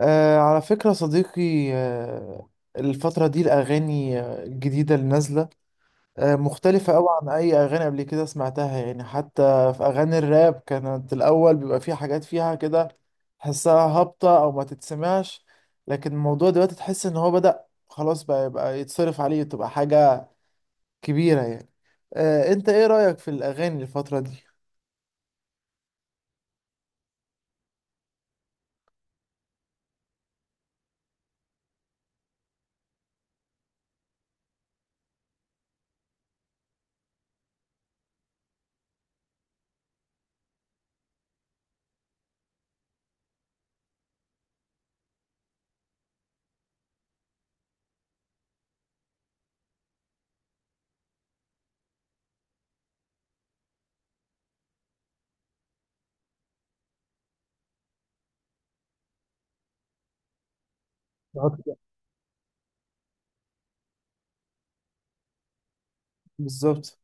على فكرة صديقي. الفترة دي الأغاني، الجديدة اللي نازلة. مختلفة أوي عن أي أغاني قبل كده سمعتها يعني، حتى في أغاني الراب كانت الأول بيبقى فيه حاجات فيها كده تحسها هابطة أو ما تتسمعش. لكن الموضوع دلوقتي تحس إن هو بدأ خلاص بقى يبقى يتصرف عليه، تبقى حاجة كبيرة يعني. أنت إيه رأيك في الأغاني الفترة دي؟ بالظبط. بالظبط.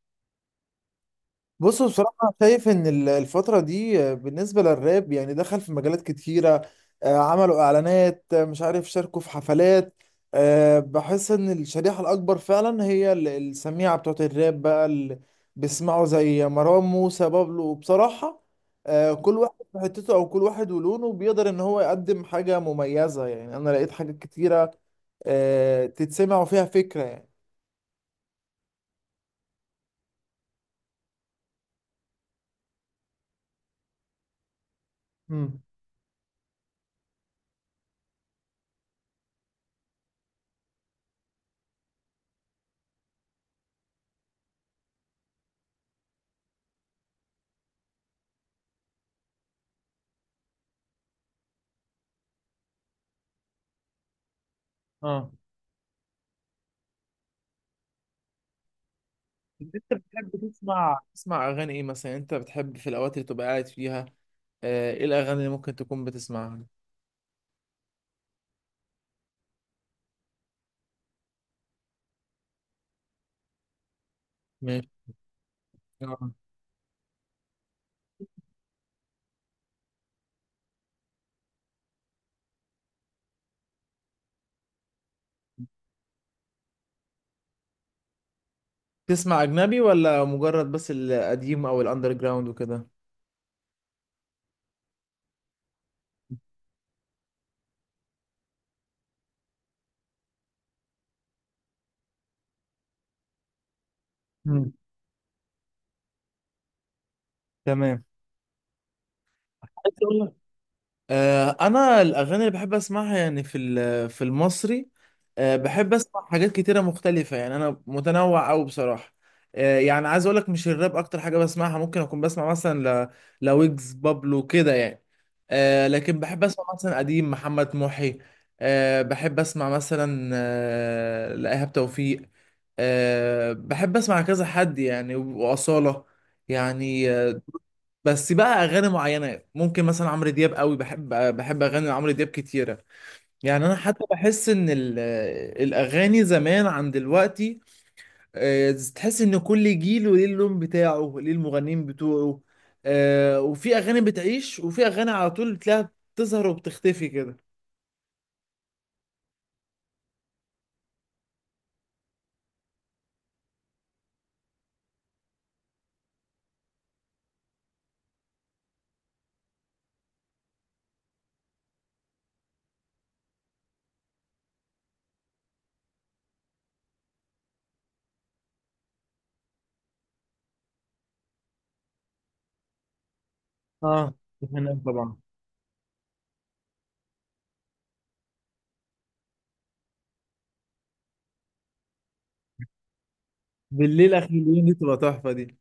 بص، بصراحة شايف إن الفترة دي، بالنسبة للراب يعني دخل في مجالات كتيرة، عملوا إعلانات، مش عارف، شاركوا في حفلات. بحس إن الشريحة الأكبر فعلا هي السميعة بتوعت الراب بقى، اللي بيسمعوا زي مروان موسى بابلو. وبصراحة، كل واحد في حتته أو كل واحد ولونه بيقدر إن هو يقدم حاجة مميزة، يعني أنا لقيت حاجات كتيرة، تتسمع وفيها فكرة يعني. امم. اه، انت بتحب تسمع اغاني ايه مثلا؟ انت بتحب في الاوقات اللي تبقى قاعد فيها، ايه الاغاني اللي ممكن تكون بتسمعها؟ ماشي. آه. تسمع اجنبي ولا مجرد بس القديم او الاندر جراوند وكده؟ مم. تمام. عايز اقول لك، انا الاغاني اللي بحب اسمعها يعني في في المصري، بحب اسمع حاجات كتيره مختلفه يعني، انا متنوع قوي بصراحه. يعني عايز اقول لك مش الراب اكتر حاجه بسمعها، ممكن اكون بسمع مثلا لويجز، بابلو كده يعني. لكن بحب اسمع مثلا قديم محمد محي، بحب اسمع مثلا لإيهاب توفيق، بحب اسمع كذا حد يعني، واصاله يعني. بس بقى اغاني معينه، ممكن مثلا عمرو دياب قوي بحب، اغاني عمرو دياب كتيره. يعني انا حتى بحس ان الاغاني زمان عن دلوقتي، تحس ان كل جيل وليه اللون بتاعه، ليه المغنيين بتوعه، وفي اغاني بتعيش وفي اغاني على طول بتلاقيها بتظهر وبتختفي كده. اه، دي حقيقة طبعا. بالليل اخر اليوم، دي تبقى تحفه دي.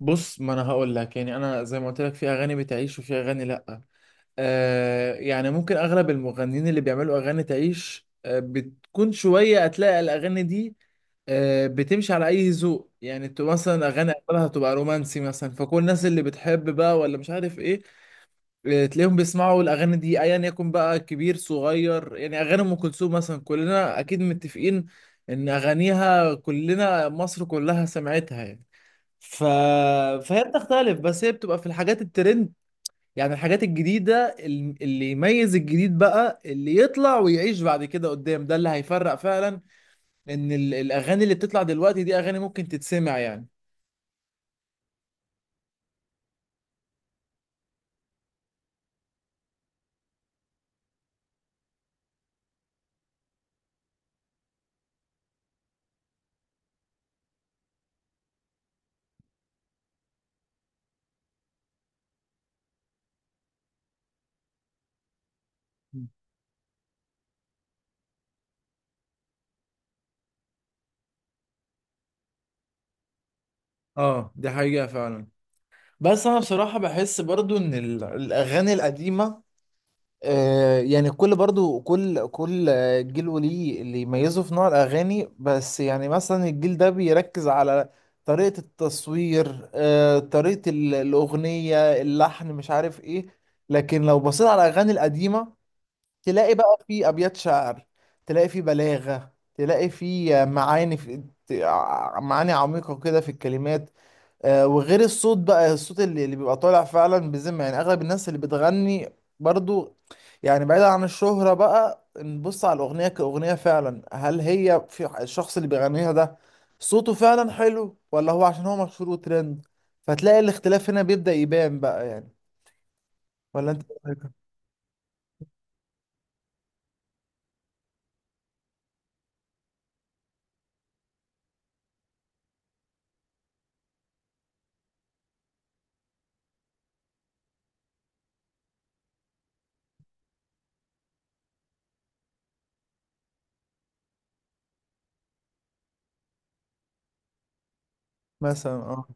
بص، ما انا هقول لك يعني انا زي ما قلت لك، في اغاني بتعيش وفي اغاني لا. يعني ممكن اغلب المغنيين اللي بيعملوا اغاني تعيش بتكون شويه، هتلاقي الاغاني دي بتمشي على اي ذوق يعني، تبقى مثلا اغاني اغلبها تبقى رومانسي مثلا، فكل الناس اللي بتحب بقى ولا مش عارف ايه تلاقيهم بيسمعوا الاغاني دي ايا يكن بقى، كبير صغير. يعني اغاني ام كلثوم مثلا كلنا اكيد متفقين ان اغانيها، كلنا مصر كلها سمعتها يعني. ف... فهي بتختلف، بس هي بتبقى في الحاجات الترند. يعني الحاجات الجديدة اللي يميز الجديد بقى، اللي يطلع ويعيش بعد كده قدام، ده اللي هيفرق فعلا، ان الاغاني اللي بتطلع دلوقتي دي اغاني ممكن تتسمع يعني. اه، دي حقيقة فعلا. بس انا بصراحة بحس برضو ان الاغاني القديمة، يعني كل برضو كل جيل وليه اللي يميزه في نوع الأغاني. بس يعني مثلا الجيل ده بيركز على طريقة التصوير، طريقة الأغنية، اللحن، مش عارف إيه. لكن لو بصيت على الأغاني القديمة تلاقي بقى في أبيات شعر، تلاقي في بلاغة، تلاقي في معاني، في معاني عميقة كده في الكلمات، وغير الصوت بقى، الصوت اللي بيبقى طالع فعلا بذمة. يعني اغلب الناس اللي بتغني برضو، يعني بعيدا عن الشهرة بقى، نبص على الأغنية كأغنية فعلا، هل هي في الشخص اللي بيغنيها ده صوته فعلا حلو، ولا هو عشان هو مشهور وترند؟ فتلاقي الاختلاف هنا بيبدأ يبان بقى يعني. ولا انت إيه رأيك؟ مثلا اه.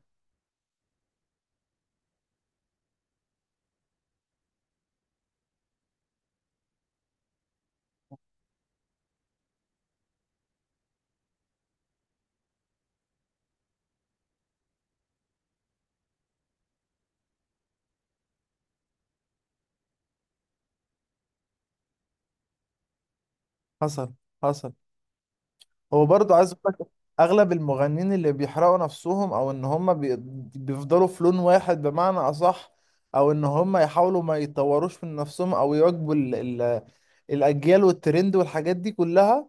حصل. حصل. هو برضه عايز اقول لك اغلب المغنيين اللي بيحرقوا نفسهم، او ان هم بيفضلوا في لون واحد بمعنى اصح، او ان هم يحاولوا ما يطوروش من نفسهم او يواكبوا ال- الاجيال والترند والحاجات دي كلها،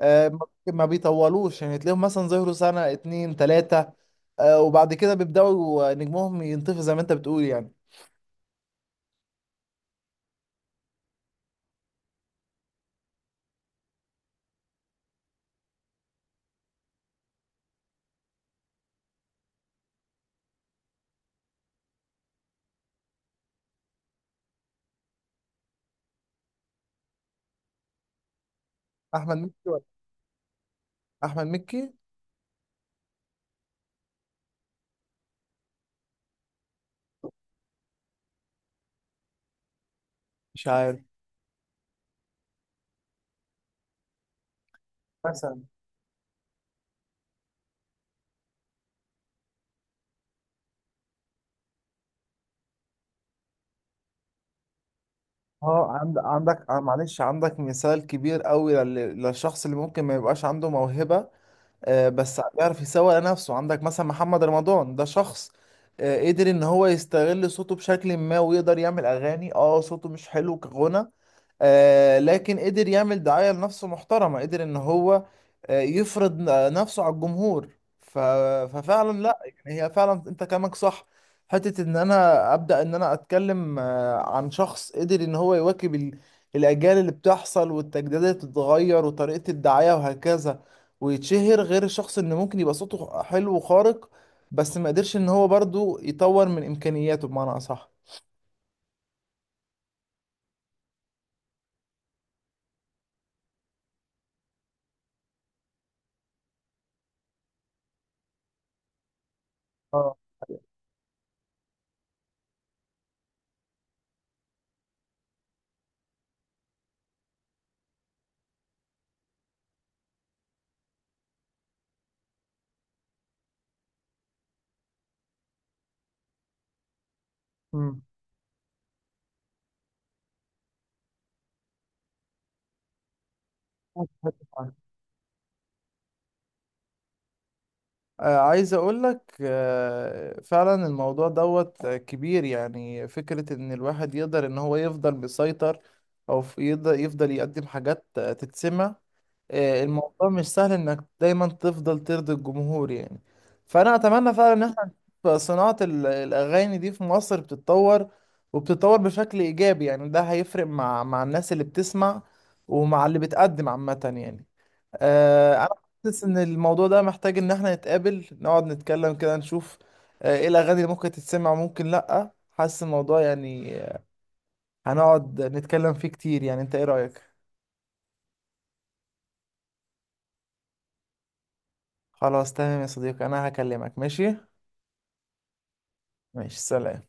آه، ما ما بيطولوش يعني. تلاقيهم مثلا ظهروا سنة اتنين تلاتة، وبعد كده بيبدأوا نجمهم ينطفي زي ما انت بتقول يعني. احمد مكي ولا؟ احمد مكي. مش عارف. مثلا اه. عندك معلش، عندك مثال كبير قوي للشخص اللي ممكن ما يبقاش عنده موهبة، بس بيعرف يسوق لنفسه. عندك مثلا محمد رمضان، ده شخص قدر ان هو يستغل صوته بشكل ما ويقدر يعمل اغاني. اه، صوته مش حلو كغنى، لكن قدر يعمل دعاية لنفسه محترمة، قدر ان هو يفرض نفسه على الجمهور. ف... ففعلا لا، يعني هي فعلا انت كلامك صح. حتة ان انا ابدأ ان انا اتكلم عن شخص قدر ان هو يواكب الاجيال اللي بتحصل والتجديدات اللي بتتغير وطريقة الدعاية وهكذا، ويتشهر، غير الشخص اللي ممكن يبقى صوته حلو وخارق، بس ما قدرش ان هو برضو يطور من امكانياته بمعنى اصح. اه. مم. عايز اقول لك، فعلا الموضوع دوت، كبير. يعني فكرة ان الواحد يقدر ان هو يفضل مسيطر، او يقدر يفضل يقدم حاجات، تتسمع. الموضوع مش سهل انك دايما تفضل ترضي الجمهور يعني. فانا اتمنى فعلا ان احنا نشوف صناعة الاغاني دي في مصر بتتطور، وبتتطور بشكل ايجابي يعني. ده هيفرق مع الناس اللي بتسمع ومع اللي بتقدم عامة يعني. انا حاسس ان الموضوع ده محتاج ان احنا نتقابل، نقعد نتكلم كده، نشوف، ايه الاغاني اللي ممكن تتسمع وممكن لا. حاسس الموضوع يعني، هنقعد نتكلم فيه كتير يعني. انت ايه رأيك؟ خلاص تمام يا صديقي، انا هكلمك، ماشي. ماشي، سلام.